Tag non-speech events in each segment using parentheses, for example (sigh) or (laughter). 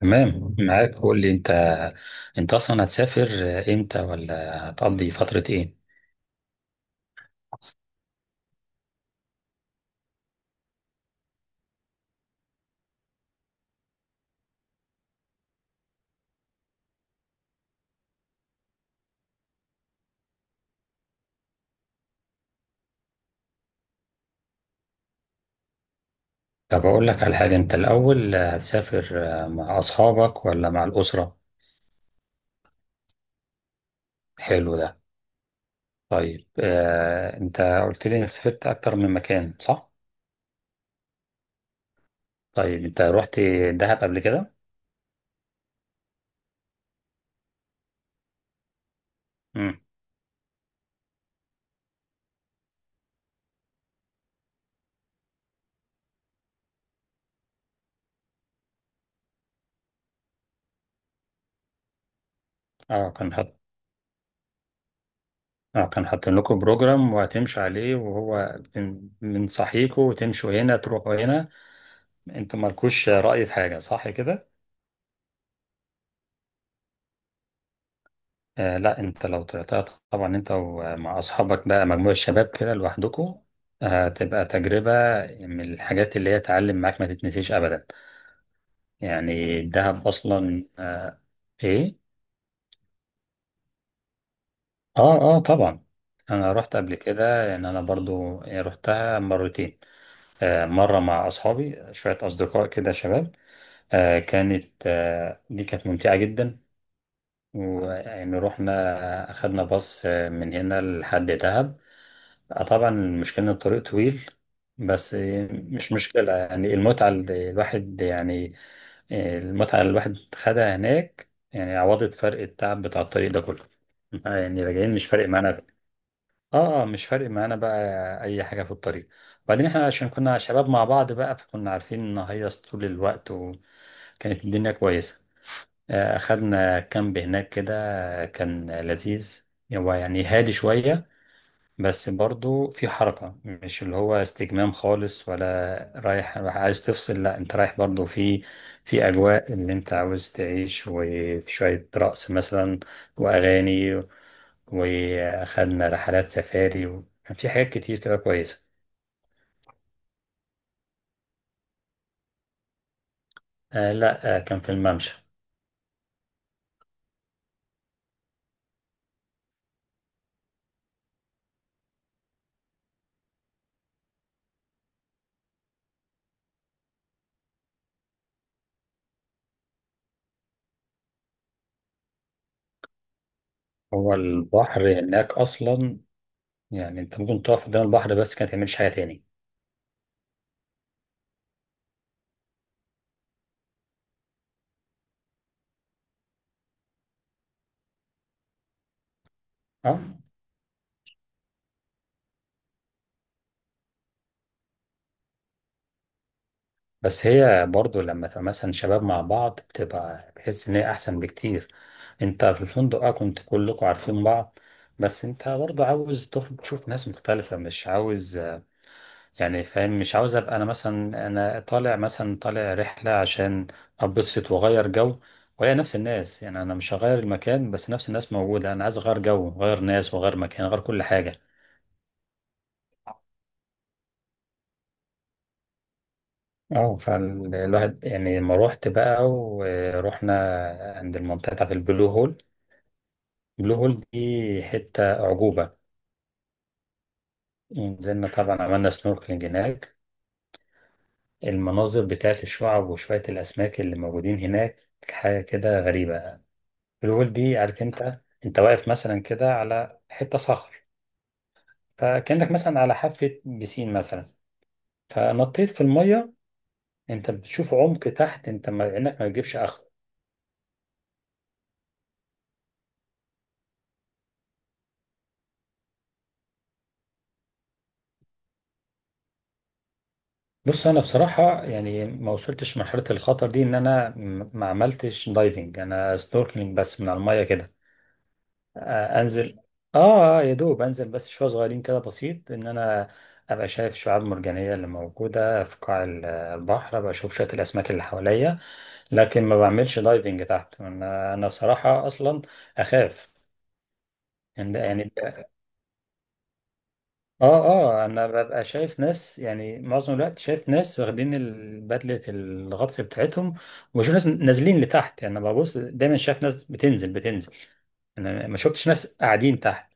تمام معاك، قول لي انت اصلا هتسافر امتى، ولا هتقضي فترة ايه؟ طب اقول لك على حاجة، انت الاول هتسافر مع اصحابك ولا مع الاسرة؟ حلو ده. طيب انت قلت لي انك سافرت اكتر من مكان، صح؟ طيب انت رحت دهب قبل كده؟ امم. اه، كان حط اه كان حاطين لكم بروجرام وهتمشوا عليه، وهو من صحيكوا وتمشوا هنا تروحوا هنا، انتوا مالكوش رأي في حاجة، صح كده؟ آه، لا، انت لو طلعتها طبعا انت ومع اصحابك بقى مجموعة شباب كده لوحدكم، هتبقى تجربة من الحاجات اللي هي تعلم معاك ما تتنسيش ابدا. يعني الدهب اصلا، آه، ايه؟ اه، اه، طبعا. انا رحت قبل كده، يعني انا برضو رحتها مرتين. آه، مرة مع اصحابي، شوية اصدقاء كده شباب. آه كانت آه دي كانت ممتعة جدا. ويعني رحنا، اخدنا باص من هنا لحد دهب. طبعا المشكلة إن الطريق طويل، بس مش مشكلة، يعني المتعة اللي الواحد يعني، المتعة اللي الواحد خدها هناك يعني عوضت فرق التعب بتاع الطريق ده كله. يعني راجعين مش فارق معانا. اه، مش فارق معانا بقى أي حاجة في الطريق. وبعدين احنا عشان كنا شباب مع بعض بقى، فكنا عارفين نهيص طول الوقت، وكانت الدنيا كويسة. أخدنا كامب هناك كده، كان لذيذ. هو يعني هادي شوية، بس برضو في حركة، مش اللي هو استجمام خالص ولا رايح عايز تفصل، لا انت رايح برضو في اجواء اللي انت عاوز تعيش، وفي شوية رقص مثلا واغاني. واخدنا رحلات سفاري، وكان في حاجات كتير كده كويسة. آه، لا، آه، كان في الممشى. هو البحر هناك اصلا، يعني انت ممكن تقف قدام البحر بس كانت تعملش حاجة تاني. اه، بس هي برضو لما تبقى مثلا شباب مع بعض بتبقى بحس ان هي احسن بكتير. انت في الفندق كنت كلكم عارفين بعض، بس انت برضو عاوز تخرج تشوف ناس مختلفة، مش عاوز يعني فاهم، مش عاوز ابقى انا مثلا، انا طالع مثلا طالع رحلة عشان ابسط واغير جو، وهي نفس الناس، يعني انا مش هغير المكان بس نفس الناس موجودة، انا عايز اغير جو، غير ناس وغير مكان، غير كل حاجة. اه، فالواحد يعني لما روحت بقى ورحنا عند المنطقة بتاعت البلو هول، بلو هول دي حتة أعجوبة. نزلنا طبعا، عملنا سنوركلينج هناك. المناظر بتاعت الشعب وشوية الأسماك اللي موجودين هناك حاجة كده غريبة. بلو هول دي عارف أنت واقف مثلا كده على حتة صخر، فكأنك مثلا على حافة بسين مثلا، فنطيت في المية. أنت بتشوف عمق تحت أنت، ما إنك ما بتجيبش آخره. بص، أنا بصراحة يعني ما وصلتش مرحلة الخطر دي، إن أنا ما عملتش دايفنج، أنا سنوركلينج بس من على المية كده. انزل، يا دوب انزل بس شويه صغيرين كده، بسيط، ان انا ابقى شايف شعاب مرجانيه اللي موجوده في قاع البحر، ابقى اشوف شويه الاسماك اللي حواليا. لكن ما بعملش دايفنج تحت، انا بصراحه اصلا اخاف. يعني (laughs) اه، اه، انا ببقى شايف ناس، يعني معظم الوقت شايف ناس واخدين بدله الغطس بتاعتهم، وبشوف ناس نازلين لتحت، يعني انا ببص دايما شايف ناس بتنزل بتنزل، انا ما شفتش ناس قاعدين تحت،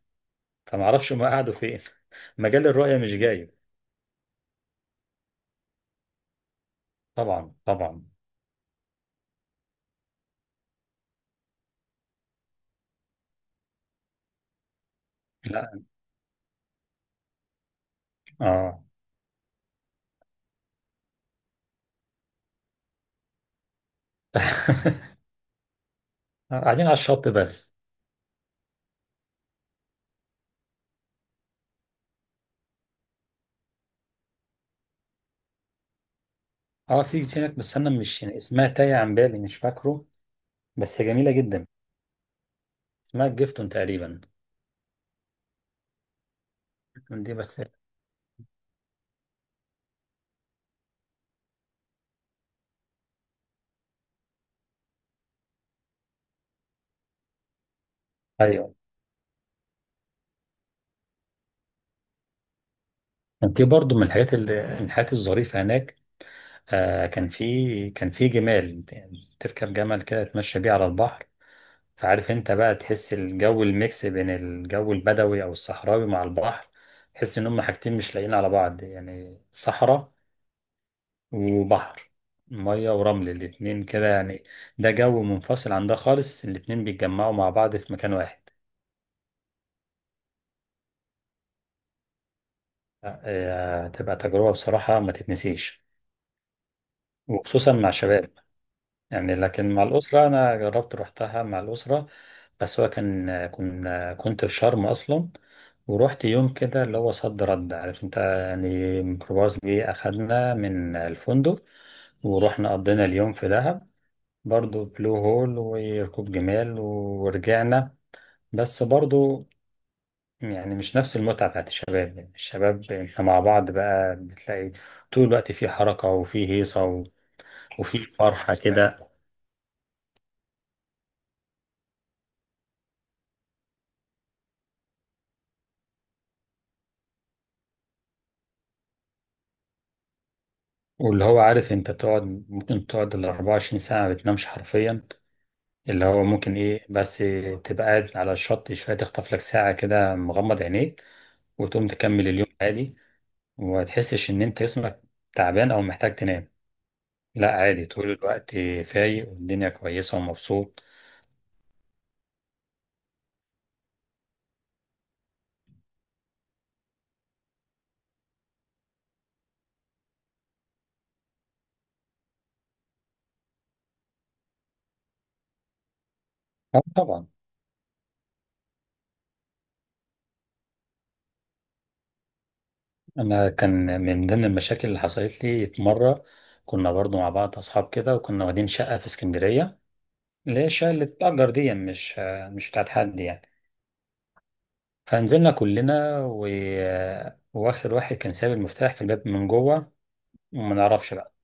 فما اعرفش هم قعدوا فين. (laughs) مجال الرؤية مش جاي. طبعا، طبعا. لا، اه. (laughs) قاعدين على الشط بس. اه، في هناك بس انا مش، يعني اسمها تايه عن بالي، مش فاكره، بس هي جميله جدا، اسمها جيفتون تقريبا. دي بس. ايوه. دي برضو من الحاجات الظريفه هناك. آه، كان في جمال، يعني تركب جمل كده تمشي بيه على البحر، فعارف انت بقى، تحس الجو الميكس بين الجو البدوي او الصحراوي مع البحر، تحس ان هم حاجتين مش لاقيين على بعض، يعني صحراء وبحر، ميه ورمل الاتنين كده يعني. ده جو منفصل عن ده خالص، الاتنين بيتجمعوا مع بعض في مكان واحد. تبقى تجربة بصراحة ما تتنسيش، وخصوصا مع الشباب. يعني لكن مع الأسرة، أنا جربت روحتها مع الأسرة، بس هو كان كنا كنت في شرم أصلا، ورحت يوم كده اللي هو صد رد، عارف أنت، يعني ميكروباص جه أخدنا من الفندق ورحنا قضينا اليوم في دهب، برضو بلو هول وركوب جمال، ورجعنا، بس برضو يعني مش نفس المتعة بتاعت الشباب. يعني الشباب احنا مع بعض بقى بتلاقي طول الوقت في حركة وفي هيصة وفي فرحة كده. واللي هو عارف انت، ممكن تقعد ال 24 ساعة ما بتنامش حرفيا، اللي هو ممكن ايه، بس تبقى قاعد على الشط شوية تخطف لك ساعة كده مغمض عينيك، وتقوم تكمل اليوم عادي، وما تحسش ان انت جسمك تعبان او محتاج تنام، لا عادي، طول الوقت فايق والدنيا كويسة ومبسوط. اه، طبعا. انا كان من ضمن المشاكل اللي حصلت لي في مرة، كنا برضو مع بعض اصحاب كده وكنا واخدين شقة في اسكندرية، اللي هي الشقة اللي بتتأجر دي مش بتاعت حد يعني. فنزلنا كلنا و... واخر واحد كان ساب المفتاح في الباب من جوه، وما نعرفش بقى.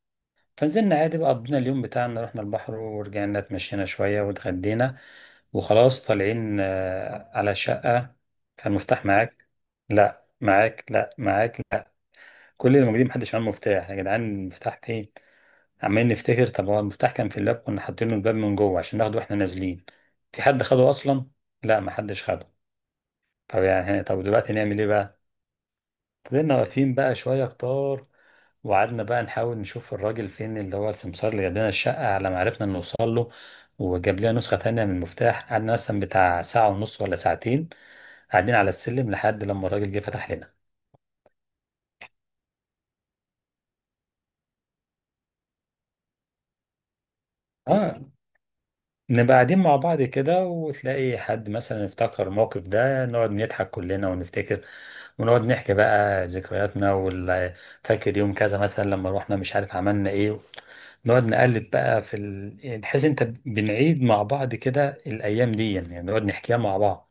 فنزلنا عادي بقى، قضينا اليوم بتاعنا، رحنا البحر ورجعنا، اتمشينا شوية واتغدينا، وخلاص طالعين على الشقة. فالمفتاح معاك؟ لا، معاك؟ لا، معاك؟ لا. كل اللي موجودين محدش معاه مفتاح، يا جدعان المفتاح فين؟ عمالين نفتكر، طب هو المفتاح كان في الباب، كنا حاطينه الباب من جوه عشان ناخده واحنا نازلين، في حد خده اصلا؟ لا، محدش خده. طب يعني، طب دلوقتي نعمل ايه بقى؟ فضلنا واقفين بقى شوية كتار، وقعدنا بقى نحاول نشوف الراجل فين، اللي هو السمسار اللي جاب لنا الشقة، على ما عرفنا نوصل له وجاب لنا نسخة تانية من المفتاح، قعدنا مثلا بتاع ساعة ونص ولا ساعتين قاعدين على السلم لحد لما الراجل جه فتح لنا. اه، نبقى قاعدين مع بعض كده وتلاقي حد مثلا افتكر الموقف ده، نقعد نضحك كلنا ونفتكر، ونقعد نحكي بقى ذكرياتنا فاكر يوم كذا مثلا لما روحنا، مش عارف عملنا ايه، نقعد نقلب بقى في ال... يعني تحس انت بنعيد مع بعض كده الايام دي، يعني نقعد نحكيها مع بعض.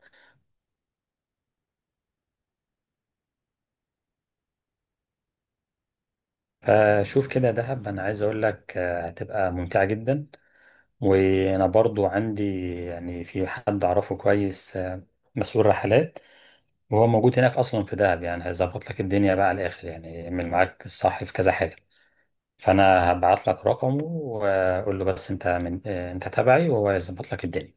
فشوف كده دهب، انا عايز اقول لك هتبقى ممتعة جدا، وانا برضو عندي يعني في حد اعرفه كويس، مسؤول رحلات، وهو موجود هناك اصلا في دهب، يعني هيظبط لك الدنيا بقى على الاخر، يعني يعمل معاك الصح في كذا حاجه، فانا هبعت لك رقمه واقول له، بس انت من آه، انت تبعي، وهو يظبط لك الدنيا.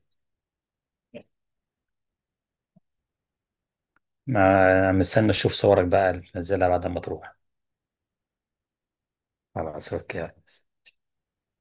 ما مستني اشوف صورك بقى اللي تنزلها بعد ما تروح، على راسك يعني.